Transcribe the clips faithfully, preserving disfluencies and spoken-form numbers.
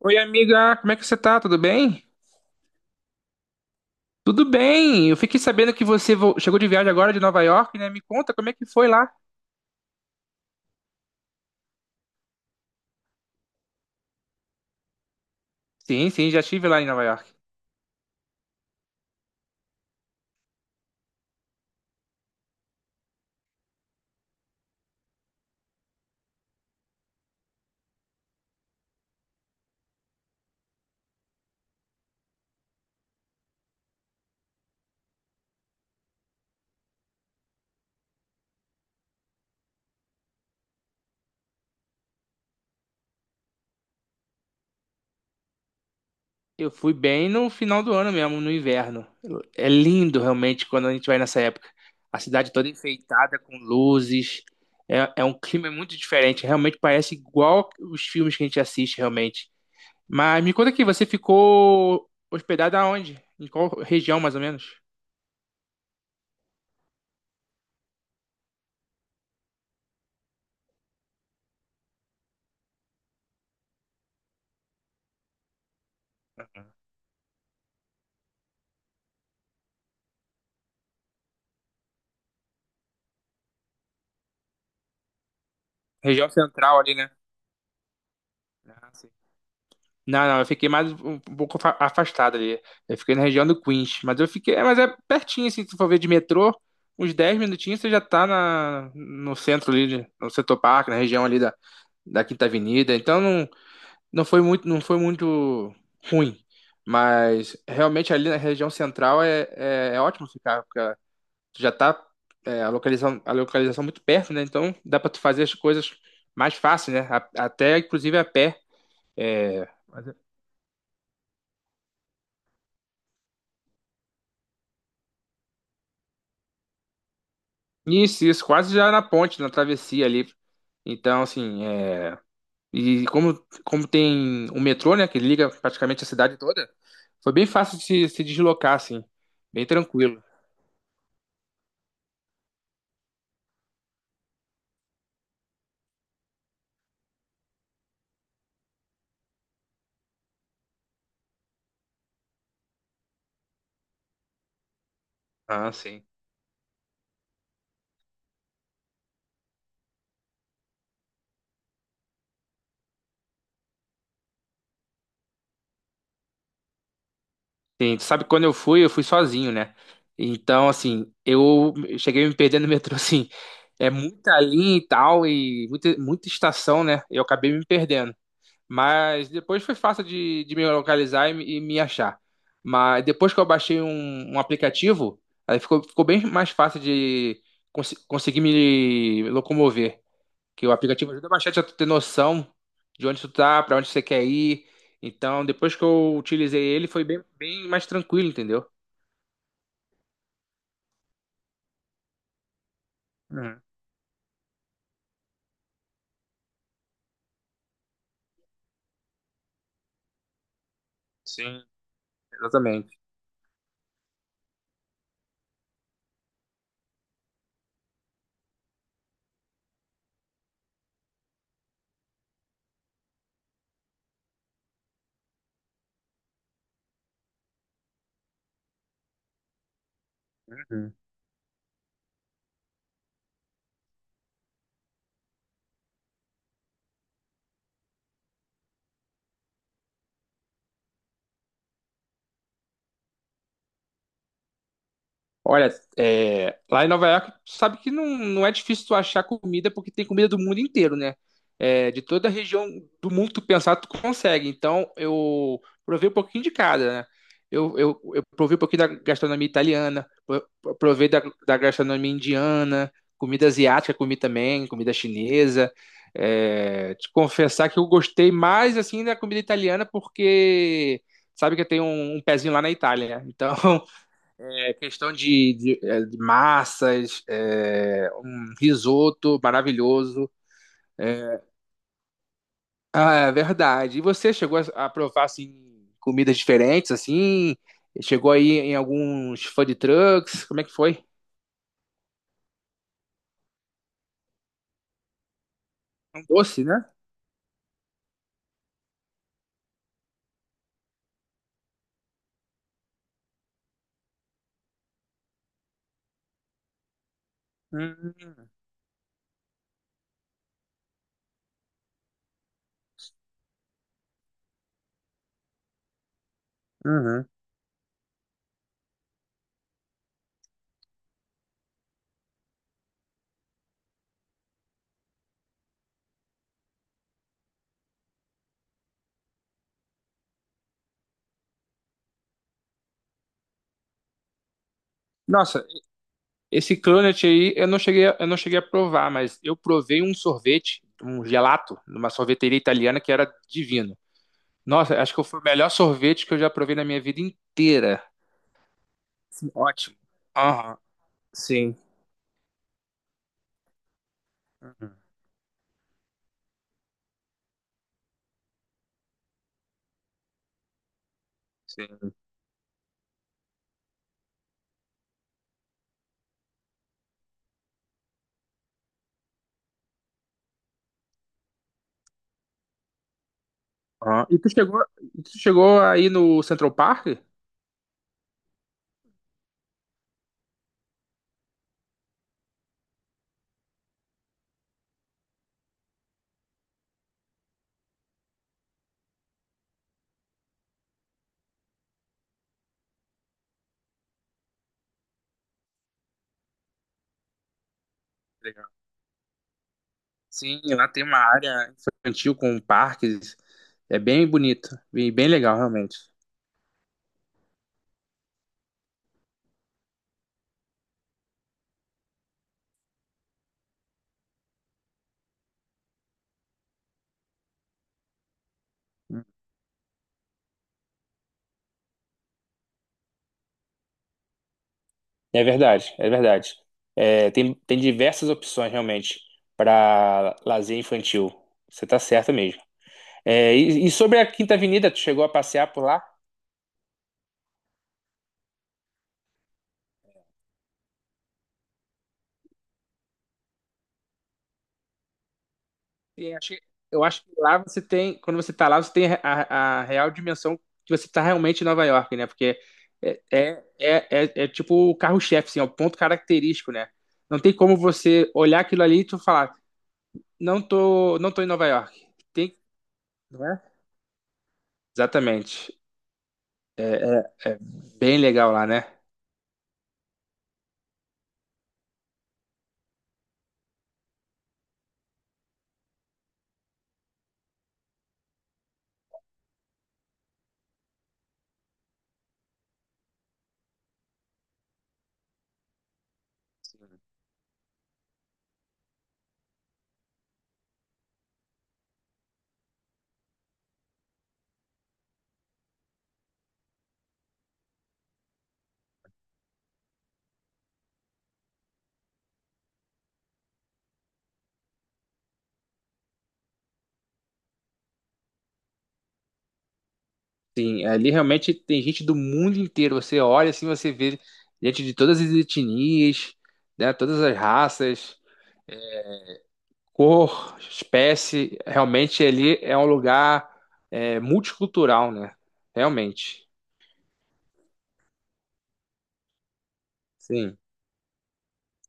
Oi, amiga, como é que você tá? Tudo bem? Tudo bem. Eu fiquei sabendo que você vo- chegou de viagem agora de Nova York, né? Me conta como é que foi lá. Sim, sim, já estive lá em Nova York. Eu fui bem no final do ano mesmo, no inverno. É lindo realmente quando a gente vai nessa época. A cidade toda enfeitada com luzes. É, é um clima muito diferente. Realmente parece igual os filmes que a gente assiste, realmente. Mas me conta aqui, você ficou hospedada aonde? Em qual região, mais ou menos? Região central ali, né? Não, não, eu fiquei mais um um pouco afa- afastado ali. Eu fiquei na região do Queens, mas eu fiquei, é, mas é pertinho assim, se for ver de metrô, uns dez minutinhos você já tá na no centro ali, de- no setor parque, na região ali da, da Quinta Avenida. Então não, não foi muito, não foi muito ruim, mas realmente ali na região central é, é, é ótimo ficar, porque tu já tá é, a localização a localização muito perto, né? Então dá pra tu fazer as coisas mais fácil, né? A- até inclusive a pé. É, Isso, isso, quase já na ponte, na travessia ali. Então, assim, é... e como, como tem o metrô, né, que liga praticamente a cidade toda, foi bem fácil de se, se deslocar, assim, bem tranquilo. Ah, sim. Sim, tu sabe que quando eu fui, eu fui sozinho, né? Então, assim, eu cheguei a me perdendo no metrô, assim, é muita linha e tal, e muita, muita estação, né? Eu acabei me perdendo. Mas depois foi fácil de, de me localizar e, me e me achar. Mas depois que eu baixei um, um aplicativo, aí ficou, ficou bem mais fácil de cons- conseguir me locomover. Que o aplicativo ajuda bastante a tu ter noção de onde tu tá, pra onde você quer ir. Então, depois que eu utilizei ele, foi bem, bem mais tranquilo, entendeu? Uhum. Sim. Exatamente. Olha, é, lá em Nova York, tu sabe que não, não é difícil tu achar comida, porque tem comida do mundo inteiro, né? É, de toda a região do mundo que tu pensar, tu consegue. Então, eu provei um pouquinho de cada, né? Eu, eu, eu provei um pouquinho da gastronomia italiana, pro- provei da, da gastronomia indiana, comida asiática comi também, comida chinesa. É, te confessar que eu gostei mais, assim, da comida italiana, porque sabe que eu tenho um, um pezinho lá na Itália, né? Então... É questão de, de, é, de massas, é, um risoto maravilhoso. É. Ah, é verdade. E você chegou a a provar assim comidas diferentes assim? Chegou aí em alguns food trucks? Como é que foi? Um doce, né? Hum, uhum. Nossa, esse cronut aí eu não cheguei, a- eu não cheguei a provar, mas eu provei um sorvete, um gelato, numa sorveteria italiana que era divino. Nossa, acho que foi o melhor sorvete que eu já provei na minha vida inteira. Sim, ótimo. Aham, sim. Uhum, sim. Aham. E tu chegou, e tu chegou aí no Central Park? Legal. Sim, lá tem uma área infantil com parques. É bem bonito, bem, bem legal, realmente. É verdade, é verdade. É, tem, tem diversas opções, realmente, para lazer infantil. Você tá certa mesmo. É, e, e sobre a Quinta Avenida, tu chegou a passear por lá? Sim, acho que- eu acho que lá você tem, quando você tá lá, você tem a, a real dimensão que você tá realmente em Nova York, né? Porque é, é, é, é, é tipo o carro-chefe, assim, é o ponto característico, né? Não tem como você olhar aquilo ali e tu falar, não tô, não tô em Nova York. Tem, não é? Exatamente. É bem legal lá, né? Sim, ali realmente tem gente do mundo inteiro. Você olha assim, você vê gente de todas as etnias, né? Todas as raças, cor, espécie, realmente ele é um lugar é, multicultural, né? Realmente. Sim,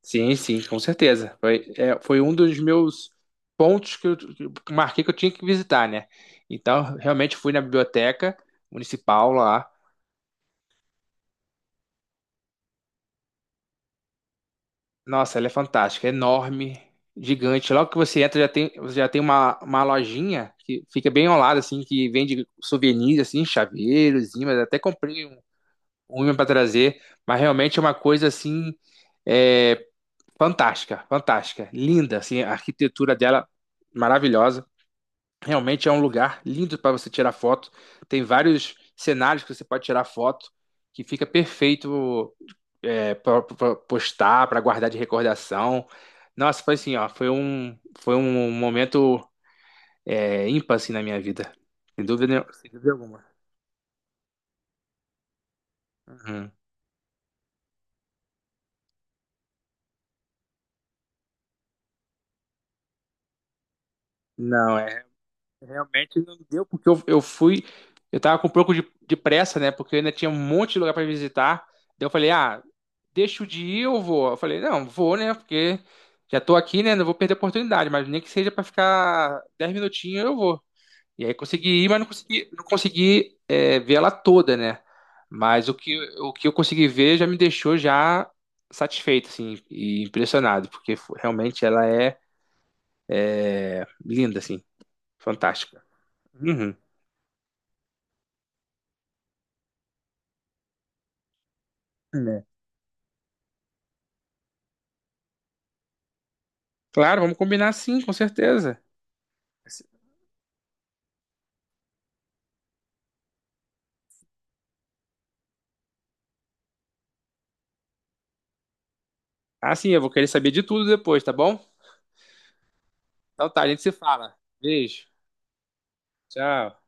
sim, sim, com certeza. Foi, é, foi um dos meus pontos que eu que eu marquei que eu tinha que visitar, né? Então, realmente fui na biblioteca municipal lá. Nossa, ela é fantástica, é enorme, gigante. Logo que você entra, já tem, você já tem uma, uma lojinha que fica bem ao lado, assim, que vende souvenirs, assim, chaveiros, imãs. Até comprei um ruim para trazer, mas realmente é uma coisa assim é, fantástica, fantástica, linda, assim, a arquitetura dela maravilhosa. Realmente é um lugar lindo para você tirar foto. Tem vários cenários que você pode tirar foto, que fica perfeito é, para postar, para guardar de recordação. Nossa, foi assim, ó, foi um, foi um momento é, ímpar assim, na minha vida, sem dúvida, nenhum- sem dúvida alguma. Uhum. Não, realmente não deu, porque eu, eu fui, eu tava com um pouco de, de pressa, né? Porque eu ainda tinha um monte de lugar para visitar. Daí eu falei, ah, deixo de ir, eu vou. Eu falei, não, vou, né? Porque já tô aqui, né? Não vou perder a oportunidade, mas nem que seja para ficar dez minutinhos, eu vou. E aí consegui ir, mas não consegui, não consegui é, ver ela toda, né? Mas o que, o que eu consegui ver já me deixou já satisfeito, assim, e impressionado, porque fo- realmente ela é linda, assim, fantástica. Uhum. Claro, vamos combinar sim, com certeza. Ah, sim, eu vou querer saber de tudo depois, tá bom? Então tá, a gente se fala. Beijo. Tchau.